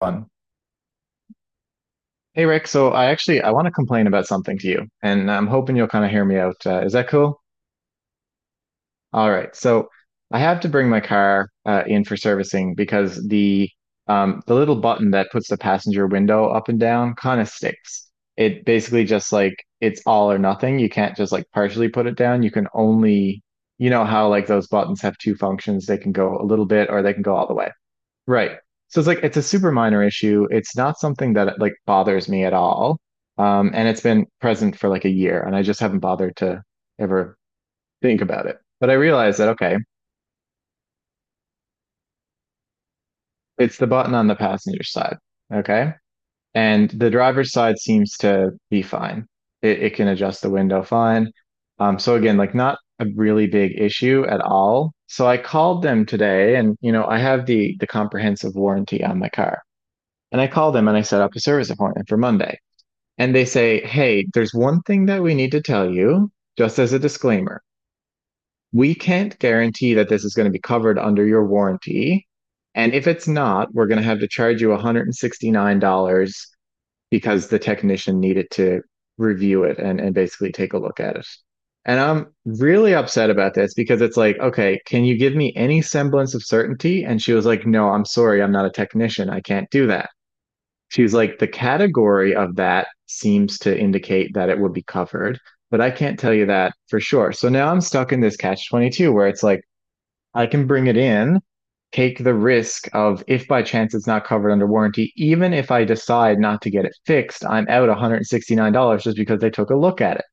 Fun. Hey Rick, so I want to complain about something to you, and I'm hoping you'll kind of hear me out. Is that cool? All right. So I have to bring my car in for servicing because the little button that puts the passenger window up and down kind of sticks. It basically just like it's all or nothing. You can't just like partially put it down. You can only, you know how like those buttons have two functions. They can go a little bit or they can go all the way. Right. So it's like it's a super minor issue. It's not something that like bothers me at all. And it's been present for like a year, and I just haven't bothered to ever think about it. But I realized that okay, it's the button on the passenger side. Okay. And the driver's side seems to be fine. It can adjust the window fine. So again, like not a really big issue at all. So I called them today and you know, I have the comprehensive warranty on my car. And I called them and I set up a service appointment for Monday. And they say, hey, there's one thing that we need to tell you, just as a disclaimer. We can't guarantee that this is going to be covered under your warranty. And if it's not, we're going to have to charge you $169 because the technician needed to review it and basically take a look at it. And I'm really upset about this because it's like, okay, can you give me any semblance of certainty? And she was like, no, I'm sorry, I'm not a technician. I can't do that. She was like, the category of that seems to indicate that it would be covered, but I can't tell you that for sure. So now I'm stuck in this catch 22 where it's like, I can bring it in, take the risk of if by chance it's not covered under warranty, even if I decide not to get it fixed, I'm out $169 just because they took a look at it.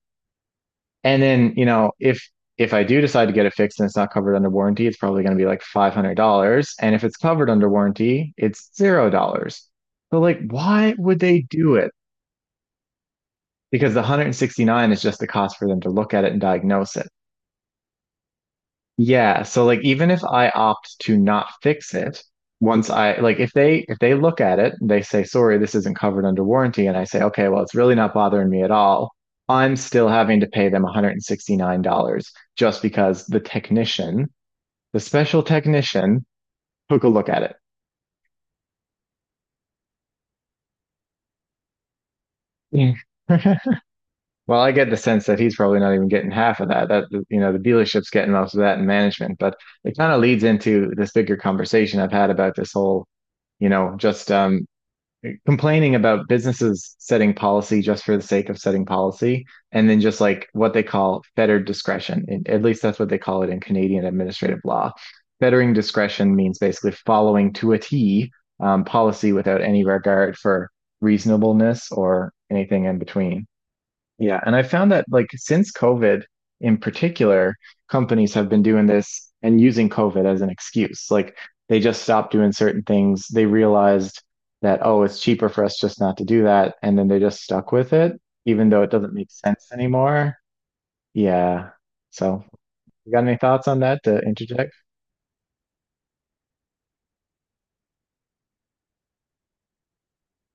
And then, you know, if I do decide to get it fixed and it's not covered under warranty, it's probably going to be like $500. And if it's covered under warranty, it's $0. So like, why would they do it? Because the 169 is just the cost for them to look at it and diagnose it. Yeah, so like even if I opt to not fix it, once I like if they look at it, they say, "Sorry, this isn't covered under warranty," and I say, "Okay, well, it's really not bothering me at all." I'm still having to pay them $169 just because the technician, the special technician, took a look at it. Yeah. Well, I get the sense that he's probably not even getting half of that. That you know, the dealership's getting most of that in management, but it kind of leads into this bigger conversation I've had about this whole you know, just complaining about businesses setting policy just for the sake of setting policy and then just like what they call fettered discretion, and at least that's what they call it in Canadian administrative law. Fettering discretion means basically following to a T. Policy without any regard for reasonableness or anything in between. Yeah, and I found that like since COVID in particular, companies have been doing this and using COVID as an excuse. Like they just stopped doing certain things. They realized that, oh, it's cheaper for us just not to do that. And then they just stuck with it, even though it doesn't make sense anymore. Yeah. So, you got any thoughts on that to interject?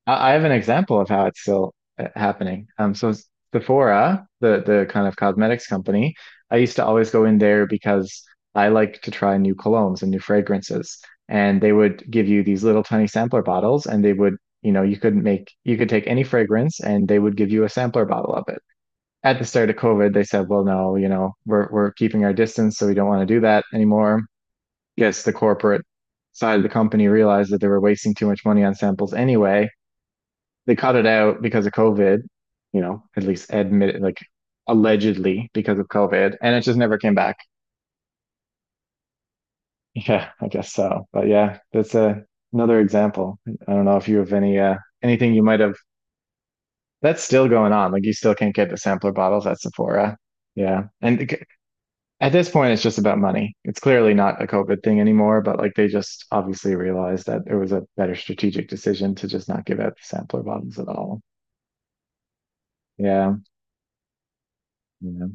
I have an example of how it's still happening. Sephora, the kind of cosmetics company, I used to always go in there because I like to try new colognes and new fragrances. And they would give you these little tiny sampler bottles, and they would, you know, you could take any fragrance, and they would give you a sampler bottle of it. At the start of COVID, they said, well, no, you know, we're keeping our distance, so we don't want to do that anymore. Yes, the corporate side of the company realized that they were wasting too much money on samples anyway. They cut it out because of COVID, you know, at least admitted, like allegedly because of COVID, and it just never came back. Yeah, I guess so. But yeah, that's a another example. I don't know if you have any anything you might have that's still going on. Like you still can't get the sampler bottles at Sephora. Yeah. At this point it's just about money. It's clearly not a COVID thing anymore, but like they just obviously realized that it was a better strategic decision to just not give out the sampler bottles at all. Yeah. Yeah.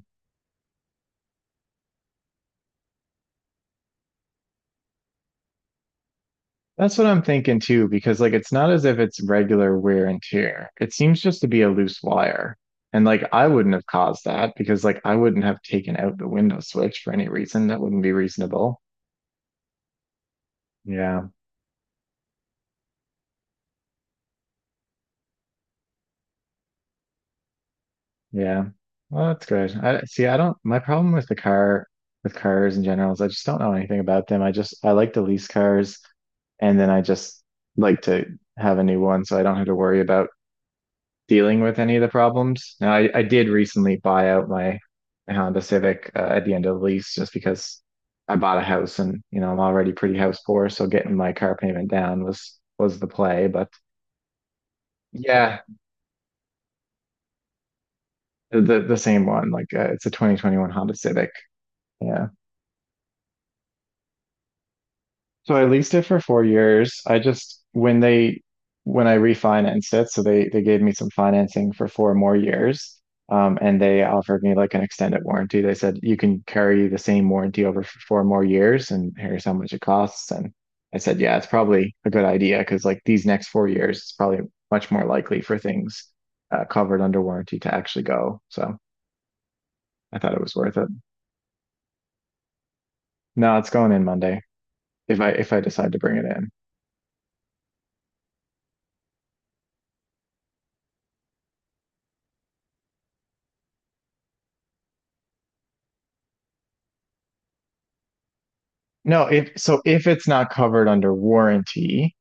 That's what I'm thinking too, because like it's not as if it's regular wear and tear. It seems just to be a loose wire. And like I wouldn't have caused that because like I wouldn't have taken out the window switch for any reason. That wouldn't be reasonable. Yeah. Yeah. Well, that's good. I see, I don't, my problem with the car, with cars in general is I just don't know anything about them. I just, I like to lease cars and then I just like to have a new one so I don't have to worry about dealing with any of the problems. Now, I did recently buy out my Honda Civic at the end of the lease just because I bought a house and you know I'm already pretty house poor, so getting my car payment down was the play. But yeah, the same one. Like it's a 2021 Honda Civic. Yeah. So I leased it for 4 years. I just when I refinanced it, so they gave me some financing for 4 more years. And they offered me like an extended warranty. They said you can carry the same warranty over for 4 more years, and here's how much it costs. And I said, yeah, it's probably a good idea because like these next 4 years, it's probably much more likely for things covered under warranty to actually go. So I thought it was worth it. No, it's going in Monday if I decide to bring it in. No, if so, if it's not covered under warranty,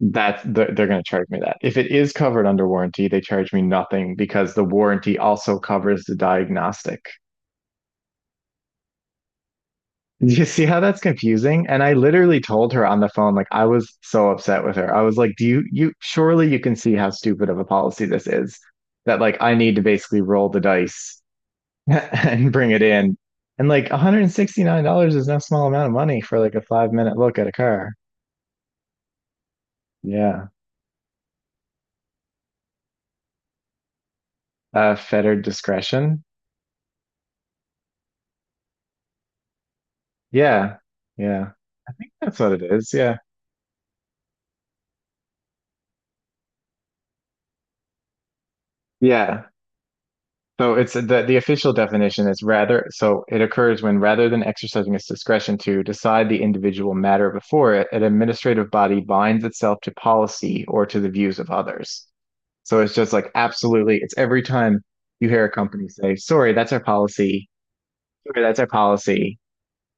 that's they're going to charge me that. If it is covered under warranty, they charge me nothing because the warranty also covers the diagnostic. Do you see how that's confusing? And I literally told her on the phone, like I was so upset with her. I was like, "Do you surely you can see how stupid of a policy this is that like I need to basically roll the dice and bring it in." And like $169 is no small amount of money for like a 5 minute look at a car. Yeah. Fettered discretion. Yeah, yeah, that's what it is. Yeah, yeah. So it's the official definition is rather. So it occurs when rather than exercising its discretion to decide the individual matter before it, an administrative body binds itself to policy or to the views of others. So it's just like absolutely. It's every time you hear a company say, "Sorry, that's our policy. Sorry, that's our policy,"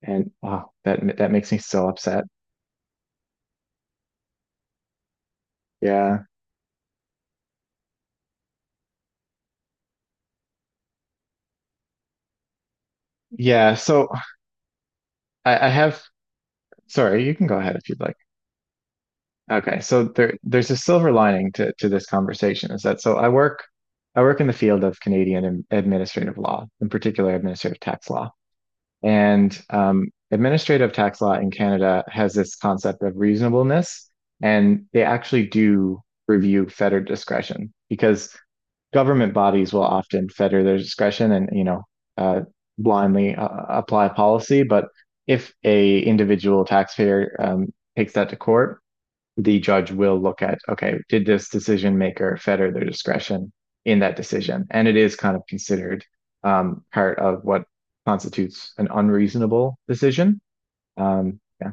and oh, that that makes me so upset. Yeah, yeah. So I have. Sorry, you can go ahead if you'd like. Okay, so there's a silver lining to this conversation is that so I work in the field of Canadian administrative law, in particular administrative tax law. And administrative tax law in Canada has this concept of reasonableness, and they actually do review federal discretion because government bodies will often fetter their discretion and you know uh, blindly apply policy. But if a individual taxpayer takes that to court, the judge will look at, okay, did this decision maker fetter their discretion in that decision? And it is kind of considered part of what constitutes an unreasonable decision. Yeah.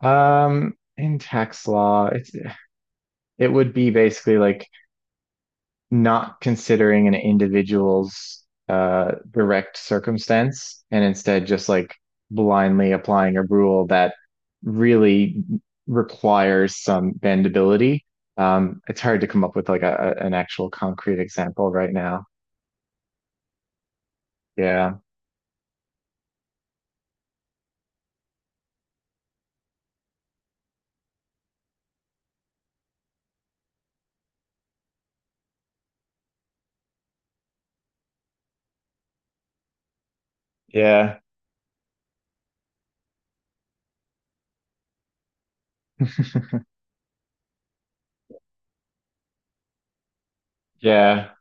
In tax law, it's it would be basically like not considering an individual's direct circumstance and instead just like blindly applying a rule that really requires some bendability. It's hard to come up with like an actual concrete example right now. Yeah. Yeah. Yeah.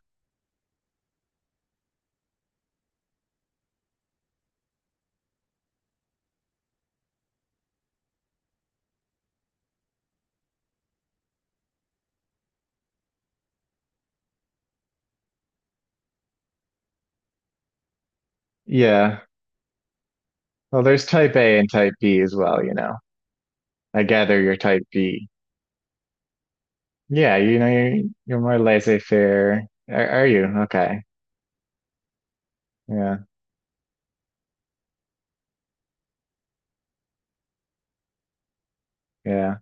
Yeah. Well, there's type A and type B as well, you know. I gather you're type B. Yeah, you know, you're more laissez-faire. Are you? Okay. Yeah. Yeah.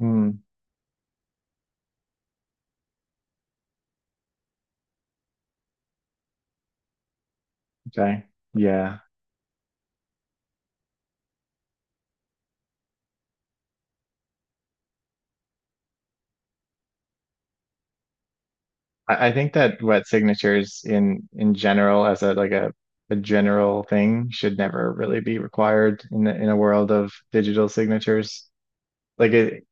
Mm, okay. Yeah. I think that wet signatures in general as a like a general thing should never really be required in the, in a world of digital signatures. Like it,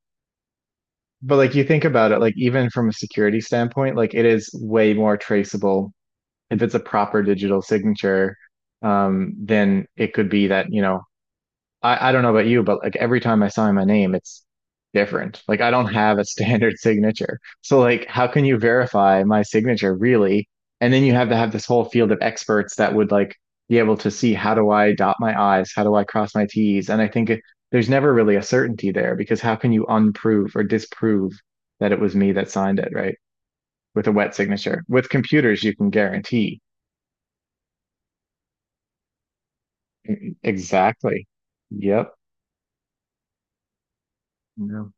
but like you think about it, like even from a security standpoint, like it is way more traceable if it's a proper digital signature, then it could be that, you know, I don't know about you, but like every time I sign my name, it's different. Like I don't have a standard signature. So like how can you verify my signature really? And then you have to have this whole field of experts that would like be able to see how do I dot my I's, how do I cross my T's? And I think it, there's never really a certainty there because how can you unprove or disprove that it was me that signed it, right? With a wet signature. With computers, you can guarantee. Exactly. Yep. No.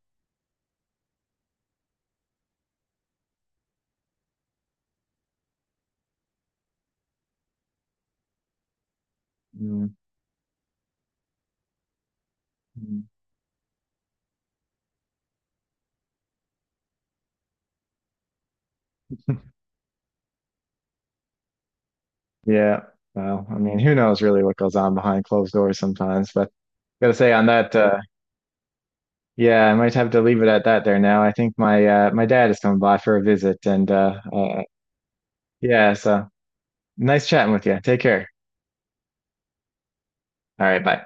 Mm. Mm. Yeah. Well, I mean, who knows really what goes on behind closed doors sometimes, but gotta say on that, yeah, I might have to leave it at that there now. I think my my dad is coming by for a visit and yeah, so nice chatting with you. Take care. All right, bye.